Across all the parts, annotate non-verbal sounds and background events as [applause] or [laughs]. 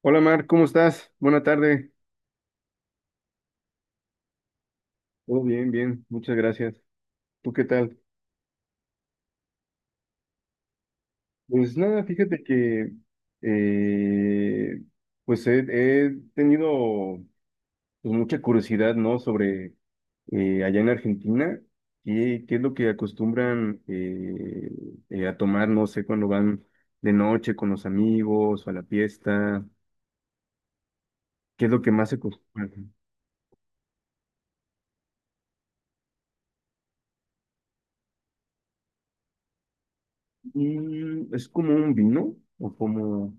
Hola Mar, ¿cómo estás? Buena tarde. Todo bien, bien, muchas gracias. ¿Tú qué tal? Pues nada, fíjate que eh, pues he tenido pues, mucha curiosidad, ¿no? Sobre allá en Argentina, ¿ qué es lo que acostumbran a tomar, no sé, cuando van de noche con los amigos o a la fiesta? ¿Qué es lo que más se acostumbra? Mm, ¿es como un vino? ¿O como...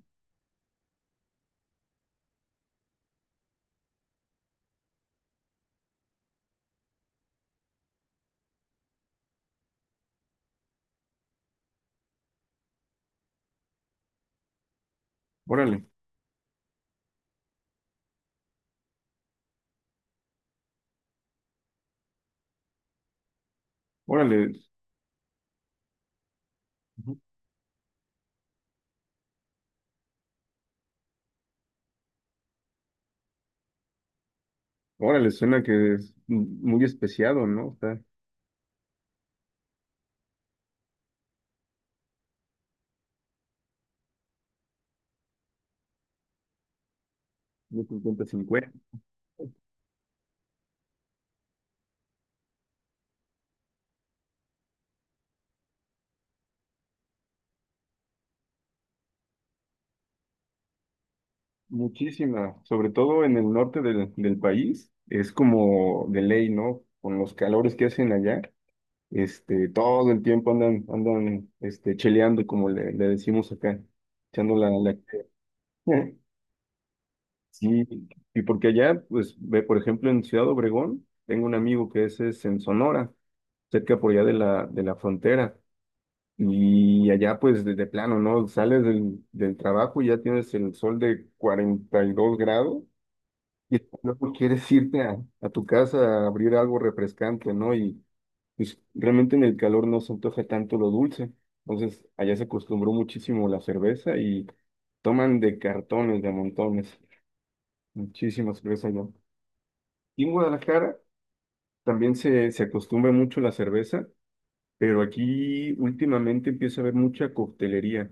Órale, órale. Órale, suena que es muy especiado, ¿no? Está muy 50-50. Muchísima, sobre todo en el norte del país, es como de ley, ¿no? Con los calores que hacen allá, este, todo el tiempo andan, este, cheleando, como le decimos acá, echando la... [laughs] Sí, y porque allá, pues, ve, por ejemplo, en Ciudad Obregón, tengo un amigo que ese es en Sonora, cerca por allá de de la frontera. Y allá pues de plano, ¿no? Sales del trabajo y ya tienes el sol de 42 grados y [laughs] luego quieres irte a tu casa a abrir algo refrescante, ¿no? Y pues realmente en el calor no se antoja tanto lo dulce. Entonces allá se acostumbró muchísimo la cerveza y toman de cartones, de montones, muchísima cerveza allá. Y en Guadalajara también se acostumbra mucho la cerveza, pero aquí últimamente empieza a haber mucha coctelería.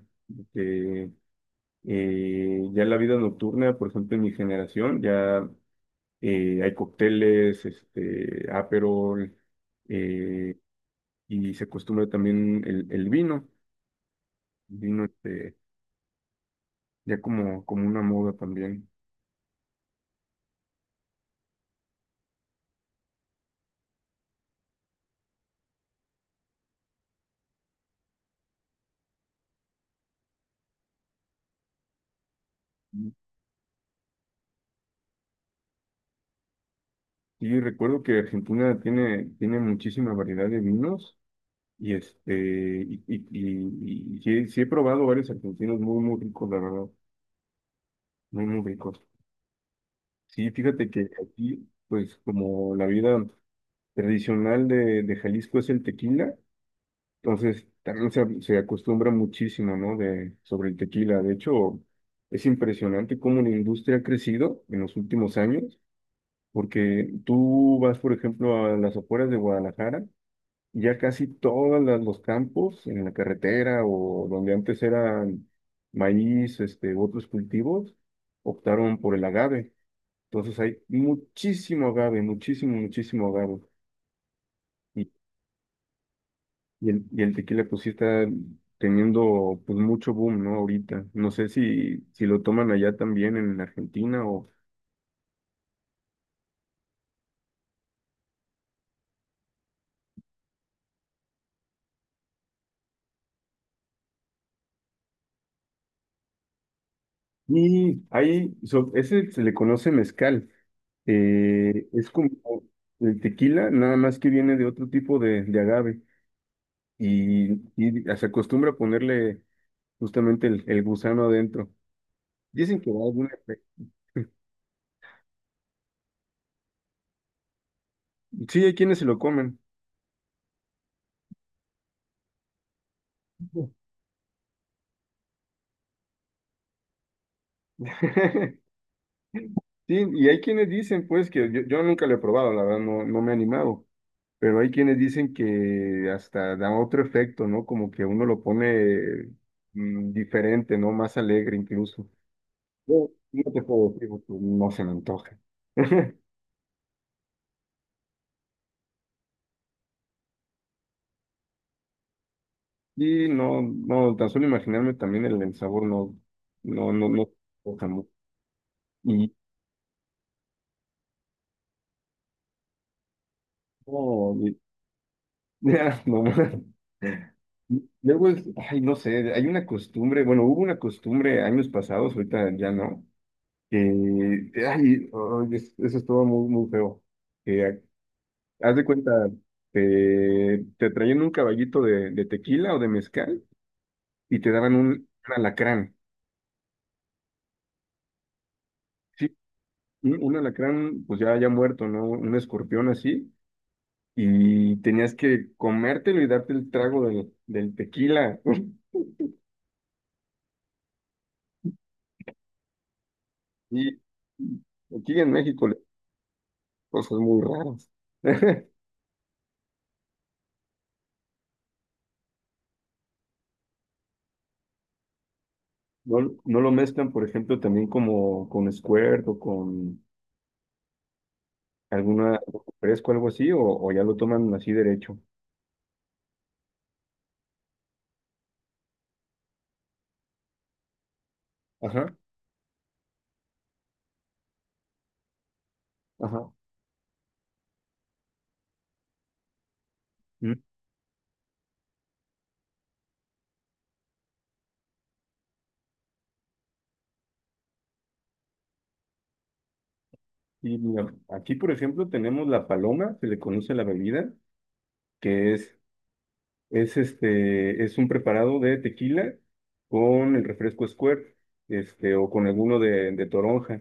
Ya en la vida nocturna, por ejemplo, en mi generación, ya hay cócteles, este, Aperol, eh, y se acostumbra también el vino, el vino este, ya como, como una moda también. Y recuerdo que Argentina tiene muchísima variedad de vinos, y este, y sí, he probado varios argentinos muy, muy ricos, la verdad, muy, muy ricos. Sí, fíjate que aquí, pues como la vida tradicional de Jalisco es el tequila, entonces también se acostumbra muchísimo, ¿no? De, sobre el tequila. De hecho, es impresionante cómo la industria ha crecido en los últimos años, porque tú vas, por ejemplo, a las afueras de Guadalajara, y ya casi todos los campos en la carretera o donde antes eran maíz, este, u otros cultivos, optaron por el agave. Entonces hay muchísimo agave, muchísimo, muchísimo agave. Y el tequila pues sí está teniendo pues mucho boom, ¿no? Ahorita. No sé si lo toman allá también en Argentina o... Y ahí, ese se le conoce mezcal. Es como el tequila, nada más que viene de otro tipo de agave. Y se acostumbra a ponerle justamente el gusano adentro. Dicen que da algún efecto. Sí, hay quienes se lo comen. [laughs] Sí, y hay quienes dicen, pues, que yo nunca lo he probado, la verdad, no me he animado. Pero hay quienes dicen que hasta da otro efecto, ¿no? Como que uno lo pone mm, diferente, ¿no? Más alegre incluso. Yo no te puedo decir porque no se me antoja. [laughs] Y no, no, tan solo imaginarme también el sabor no, no, no, no antoja mucho. Y no, [laughs] no más. Luego es, ay, no sé, hay una costumbre, bueno, hubo una costumbre años pasados, ahorita ya no, que, ay, ay, eso estuvo muy, muy feo. Haz de cuenta, te traían un caballito de tequila o de mezcal y te daban un alacrán. Sí, un alacrán, pues ya, ya muerto, ¿no? Un escorpión así. Y tenías que comértelo y darte el trago del tequila. [laughs] Y aquí en México, cosas muy raras. [laughs] No, no lo mezclan, por ejemplo, también como con Squirt o con alguna, algo fresco, algo así, o ya lo toman así derecho. Ajá, ajá. Y mira, aquí, por ejemplo, tenemos la paloma, se le conoce la bebida, que es este, es un preparado de tequila con el refresco Squirt, este, o con alguno de toronja.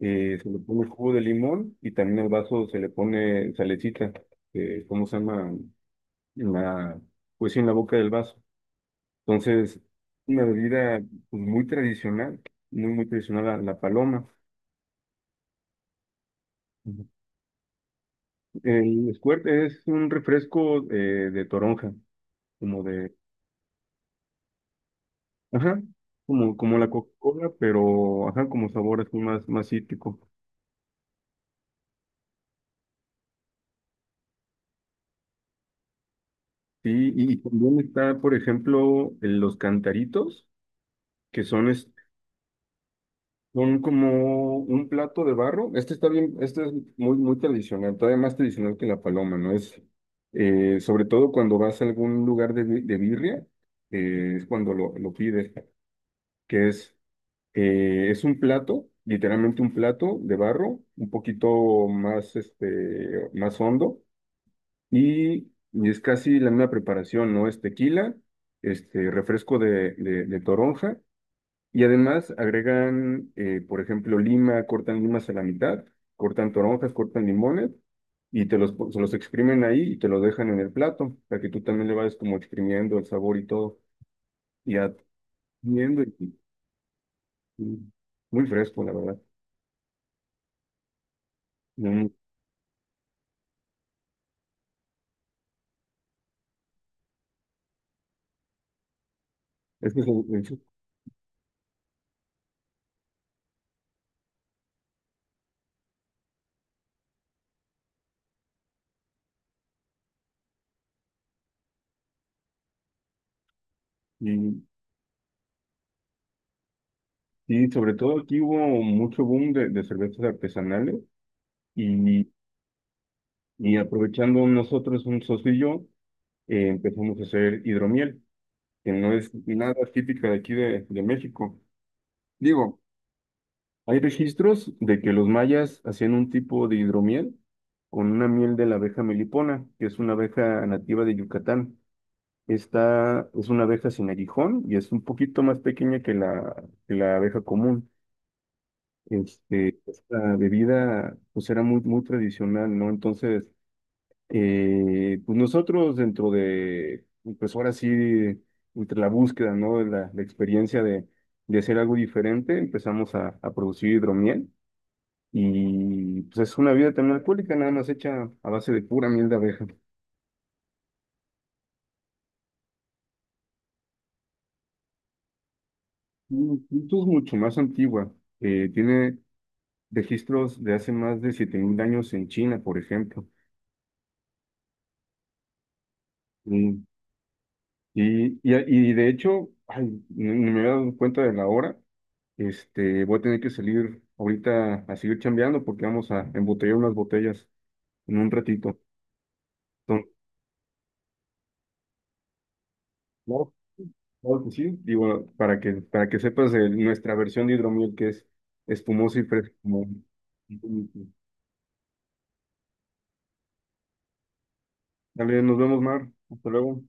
Se le pone jugo de limón y también al vaso se le pone salecita, ¿cómo se llama? La, pues sí, en la boca del vaso. Entonces, una bebida pues, muy tradicional, muy, muy tradicional la paloma. Ujú. El Squirt es un refresco de toronja. Como de, ajá, como, como la Coca-Cola, pero, ajá, como sabor así más, más cítrico. Sí, y también está, por ejemplo, los cantaritos, que son, son como un plato de barro. Este está bien, este es muy, muy tradicional, todavía más tradicional que la paloma, ¿no? Es, sobre todo cuando vas a algún lugar de, de birria, es cuando lo pides, que es. Es un plato, literalmente un plato de barro, un poquito más, este, más hondo y es casi la misma preparación, ¿no? Es tequila, este, refresco de toronja y además agregan, por ejemplo, lima, cortan limas a la mitad, cortan toronjas, cortan limones y te los, se los exprimen ahí y te los dejan en el plato para que tú también le vayas como exprimiendo el sabor y todo y atendiendo y muy fresco, la verdad. Es que y, y sobre todo aquí hubo mucho boom de cervezas artesanales y, y aprovechando nosotros un socio y yo, empezamos a hacer hidromiel, que no es nada típica de aquí de México. Digo, hay registros de que los mayas hacían un tipo de hidromiel con una miel de la abeja melipona, que es una abeja nativa de Yucatán. Esta es una abeja sin aguijón y es un poquito más pequeña que que la abeja común. Este, esta bebida pues era muy, muy tradicional, ¿no? Entonces, pues nosotros dentro de, pues ahora sí, entre la búsqueda, ¿no? De la experiencia de hacer algo diferente, empezamos a producir hidromiel y pues es una bebida también alcohólica, nada más hecha a base de pura miel de abeja. Mm, esto es mucho más antigua, tiene registros de hace más de 7.000 años en China, por ejemplo. Mm. Y de hecho, ay, ni me había dado cuenta de la hora. Este, voy a tener que salir ahorita a seguir chambeando porque vamos a embotellar unas botellas en un ratito. Entonces, claro, claro que sí. Digo, para que sepas de nuestra versión de hidromiel que es espumosa y fresca. Como... Dale, nos vemos, Mar. Hasta luego.